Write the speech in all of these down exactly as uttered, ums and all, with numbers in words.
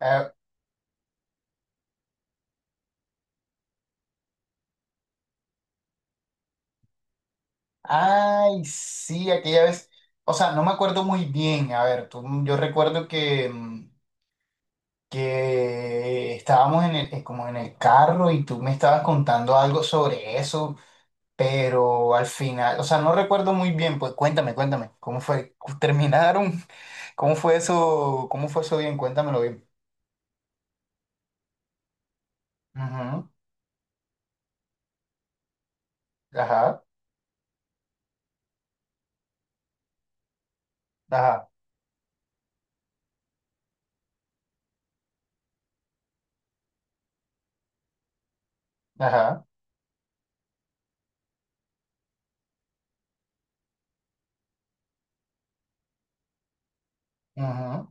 Ah, ay, sí, aquella vez. O sea, no me acuerdo muy bien. A ver, tú, mm, yo recuerdo que, mm, que estábamos en el, eh, como en el carro y tú me estabas contando algo sobre eso, pero al final, o sea, no recuerdo muy bien. Pues cuéntame, cuéntame, ¿cómo fue? ¿Terminaron? ¿Cómo fue eso? ¿Cómo fue eso bien? Cuéntamelo bien. Ujú. Ajá, ajá, ajá. Ujú.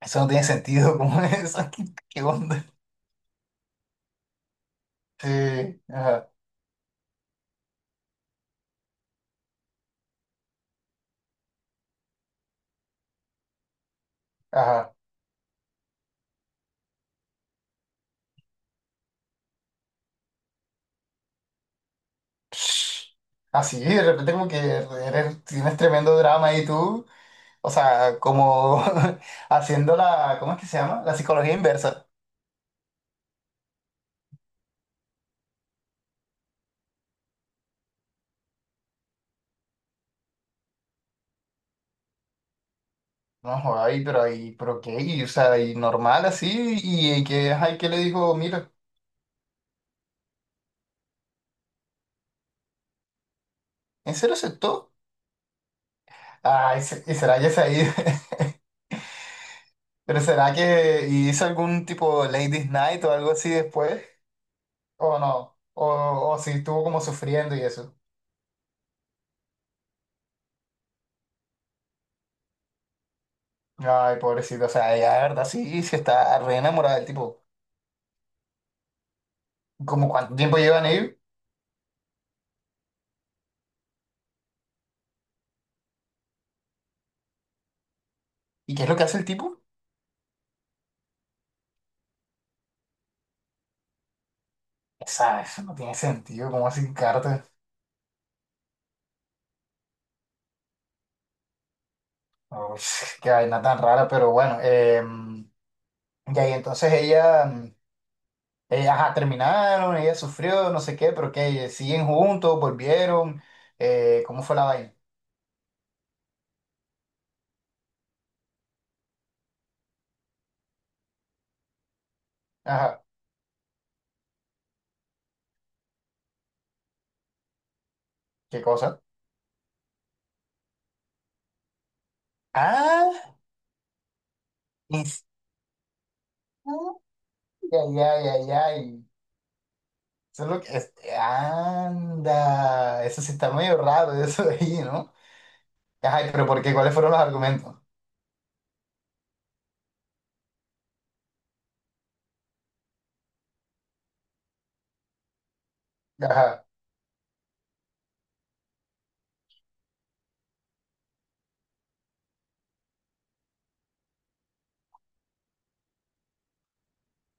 Eso no tiene sentido, ¿cómo es eso? ¿Qué onda? Sí, ajá, ajá. Así, de repente como que eres- tienes tremendo drama y tú, o sea, como haciendo la, ¿cómo es que se llama? La psicología inversa. No, joder, ay, pero ahí, pero qué, y, o sea, y normal así, y, y que, ay, que le dijo, mira, ¿en serio aceptó? Ay, se- y será que se ha ido, pero será que hizo algún tipo Ladies Night o algo así después, o no, o, o si estuvo como sufriendo y eso. Ay, pobrecito, o sea, ella, la verdad, sí, sí está re enamorada del tipo. ¿Como cuánto tiempo llevan ellos y qué es lo que hace el tipo? Esa Eso no tiene sentido, cómo así cartas. Uy, qué vaina tan rara, pero bueno. eh, y ahí entonces ella, mm, eh, ajá, terminaron, ella sufrió, no sé qué, pero que siguen juntos, volvieron. eh, cómo fue la vaina? Ajá, ¿qué cosa? Ah, es- ay, ay, ay, ay. Eso es lo que es- anda, eso sí está medio raro, eso de ahí, ¿no? Ajá, pero ¿por qué? ¿Cuáles fueron los argumentos? Ajá.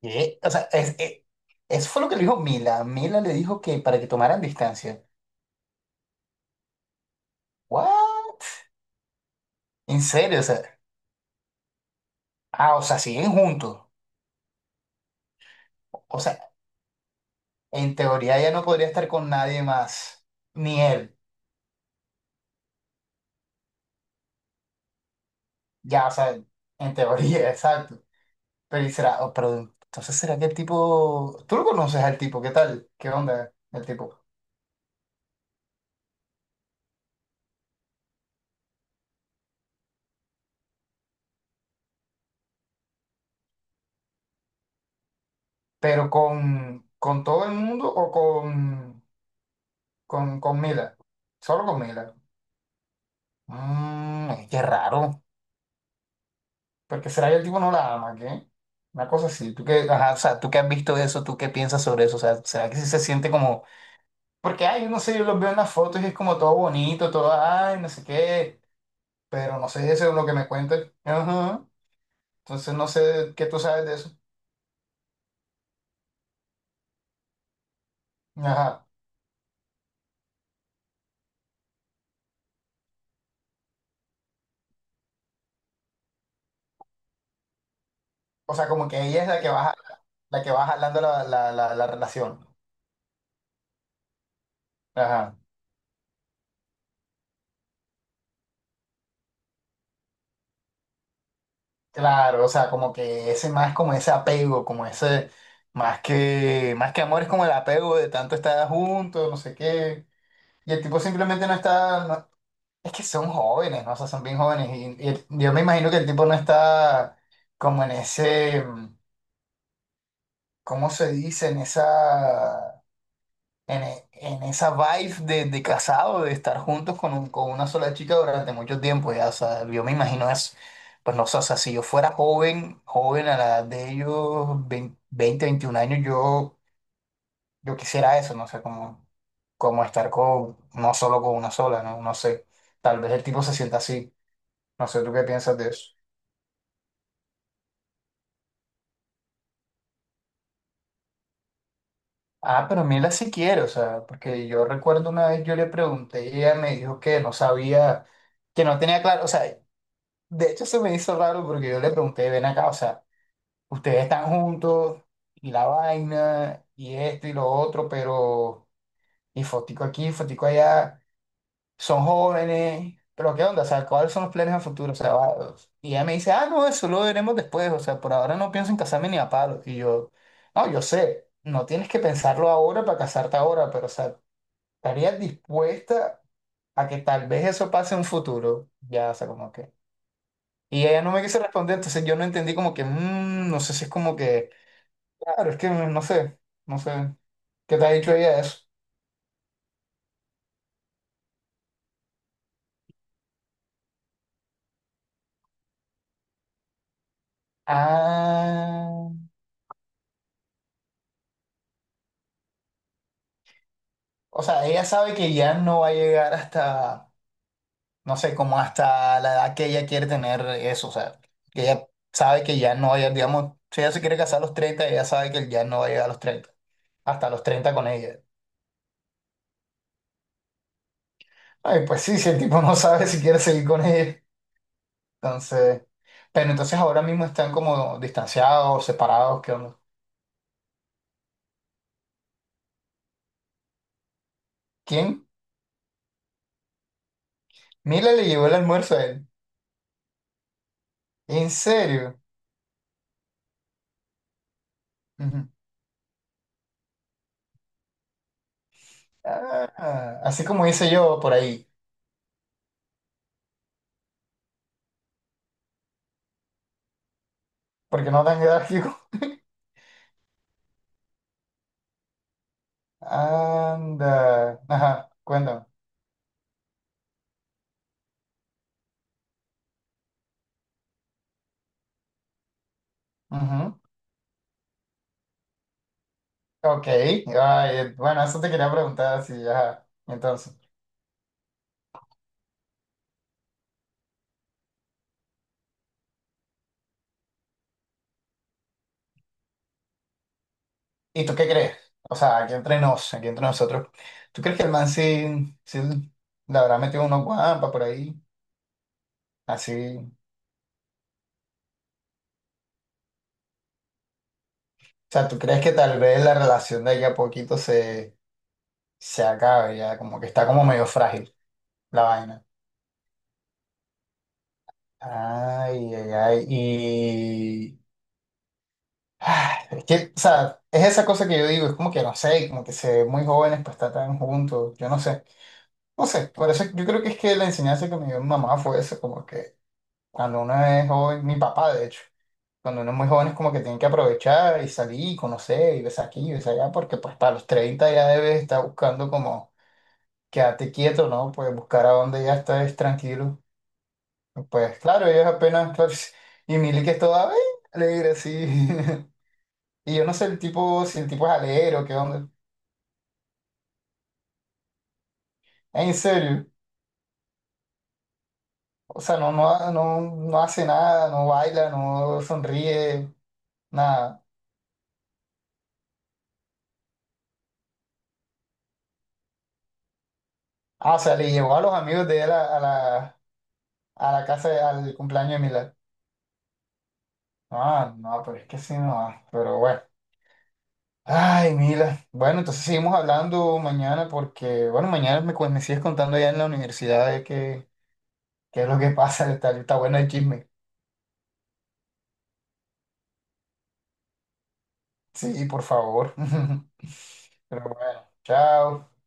¿Qué? O sea, es, es- eso fue lo que le dijo Mila. Mila le dijo que para que tomaran distancia. ¿What? ¿En serio? O sea, ah, o sea, siguen juntos. O sea, en teoría ya no podría estar con nadie más, ni él. Ya, o sea, en teoría, exacto. Pero, y será, oh, pero entonces será que el tipo, tú lo conoces al tipo, ¿qué tal? ¿Qué onda el tipo? Pero con, con todo el mundo o con, con, con Mila. Solo con Mila. Mmm, qué raro. Porque será que el tipo no la ama, ¿qué? Una cosa así. ¿Tú qué, ajá, o sea, tú qué has visto de eso? ¿Tú qué piensas sobre eso? O sea, ¿será que sí se siente como... Porque, ay, yo no sé, yo los veo en las fotos y es como todo bonito, todo, ay, no sé qué? Pero no sé, eso es lo que me cuentan. Ajá. Entonces no sé qué tú sabes de eso. Ajá. O sea, como que ella es la que va, la que va jalando la, la, la, la relación. Ajá. Claro, o sea, como que ese más como ese apego, como ese... Más que, más que amor es como el apego de tanto estar juntos, no sé qué. Y el tipo simplemente no está. No- es que son jóvenes, ¿no? O sea, son bien jóvenes. Y, y el- yo me imagino que el tipo no está como en ese. mm, ¿Cómo se dice? En esa. En, e- en esa vibe de, de casado, de estar juntos con, un- con una sola chica durante mucho tiempo, ya. O sea, yo me imagino eso. Pues no sé, o sea, si yo fuera joven, joven a la edad de ellos, veinte 20, veintiún años, yo, yo quisiera eso, no sé, como, como estar con, no solo con una sola, ¿no? No sé. Tal vez el tipo se sienta así. No sé tú qué piensas de eso. Ah, pero Mila sí quiere, o sea, porque yo recuerdo una vez yo le pregunté y ella me dijo que no sabía, que no tenía claro, o sea, de hecho se me hizo raro porque yo le pregunté, ven acá, o sea, ustedes están juntos y la vaina y esto y lo otro, pero y fotico aquí, fotico allá. Son jóvenes, pero ¿qué onda? O sea, ¿cuáles son los planes a futuro? O sea, va- y ella me dice, ah, no, eso lo veremos después, o sea, por ahora no pienso en casarme ni a palo. Y yo, no, yo sé, no tienes que pensarlo ahora para casarte ahora, pero, o sea, ¿estarías dispuesta a que tal vez eso pase en un futuro? Ya, o sea, como que... Y ella no me quiso responder, entonces yo no entendí como que, "Mm, no sé si es como que, claro, es que no sé, no sé, ¿qué te ha dicho ella de eso? Ah. O sea, ella sabe que ya no va a llegar hasta, no sé, como hasta la edad que ella quiere tener eso. O sea, que ella sabe que ya no va a llegar, digamos, si ella se quiere casar a los treinta ella sabe que ya no va a llegar a los treinta hasta los treinta con ella. Ay, pues sí, si el tipo no sabe si quiere seguir con ella. Entonces, pero entonces ahora mismo están como distanciados, separados, ¿qué onda? ¿Quién? Mila le llevó el almuerzo a él. ¿En serio? Ujú. Ah, así como hice yo por ahí, porque no tan grave. Anda. Ajá, cuéntame. Ujú. Ok. Ay, bueno, eso te quería preguntar, sí, ajá. Entonces, ¿y tú qué crees? O sea, aquí entre nos, aquí entre nosotros, ¿tú crees que el man sí, sí le habrá metido unos guampas por ahí? Así. O sea, ¿tú crees que tal vez la relación de ella a poquito se, se acabe ya? Como que está como medio frágil la vaina. Ay, ay, ay. Es que, o sea, es esa cosa que yo digo, es como que no sé, como que se ven muy jóvenes pues está tan juntos, yo no sé, no sé, por eso yo creo que es que la enseñanza que me dio mi mamá fue eso, como que cuando uno es joven, mi papá de hecho, cuando uno es muy joven es como que tiene que aprovechar y salir y conocer y ves aquí y ves allá, porque pues para los treinta ya debes estar buscando como quedarte quieto, ¿no? Pues buscar a donde ya estés tranquilo. Pues claro, ellos apenas, claro, y Mili que es toda "Ay, alegre así". Y yo no sé el tipo, si el tipo es alero, qué onda. ¿En serio? O sea, no, no, ha- no, no hace nada, no baila, no sonríe, nada. Ah, o sea, le llevó a los amigos de él a, a la, a la casa, de- al cumpleaños de Mila. Ah, no, pero es que sí, no. Ah, pero bueno. Ay, Mila. Bueno, entonces seguimos hablando mañana porque, bueno, mañana me, cu- me sigues contando allá en la universidad de qué, qué es lo que pasa. Está, está bueno el chisme. Sí, por favor. Pero bueno, chao.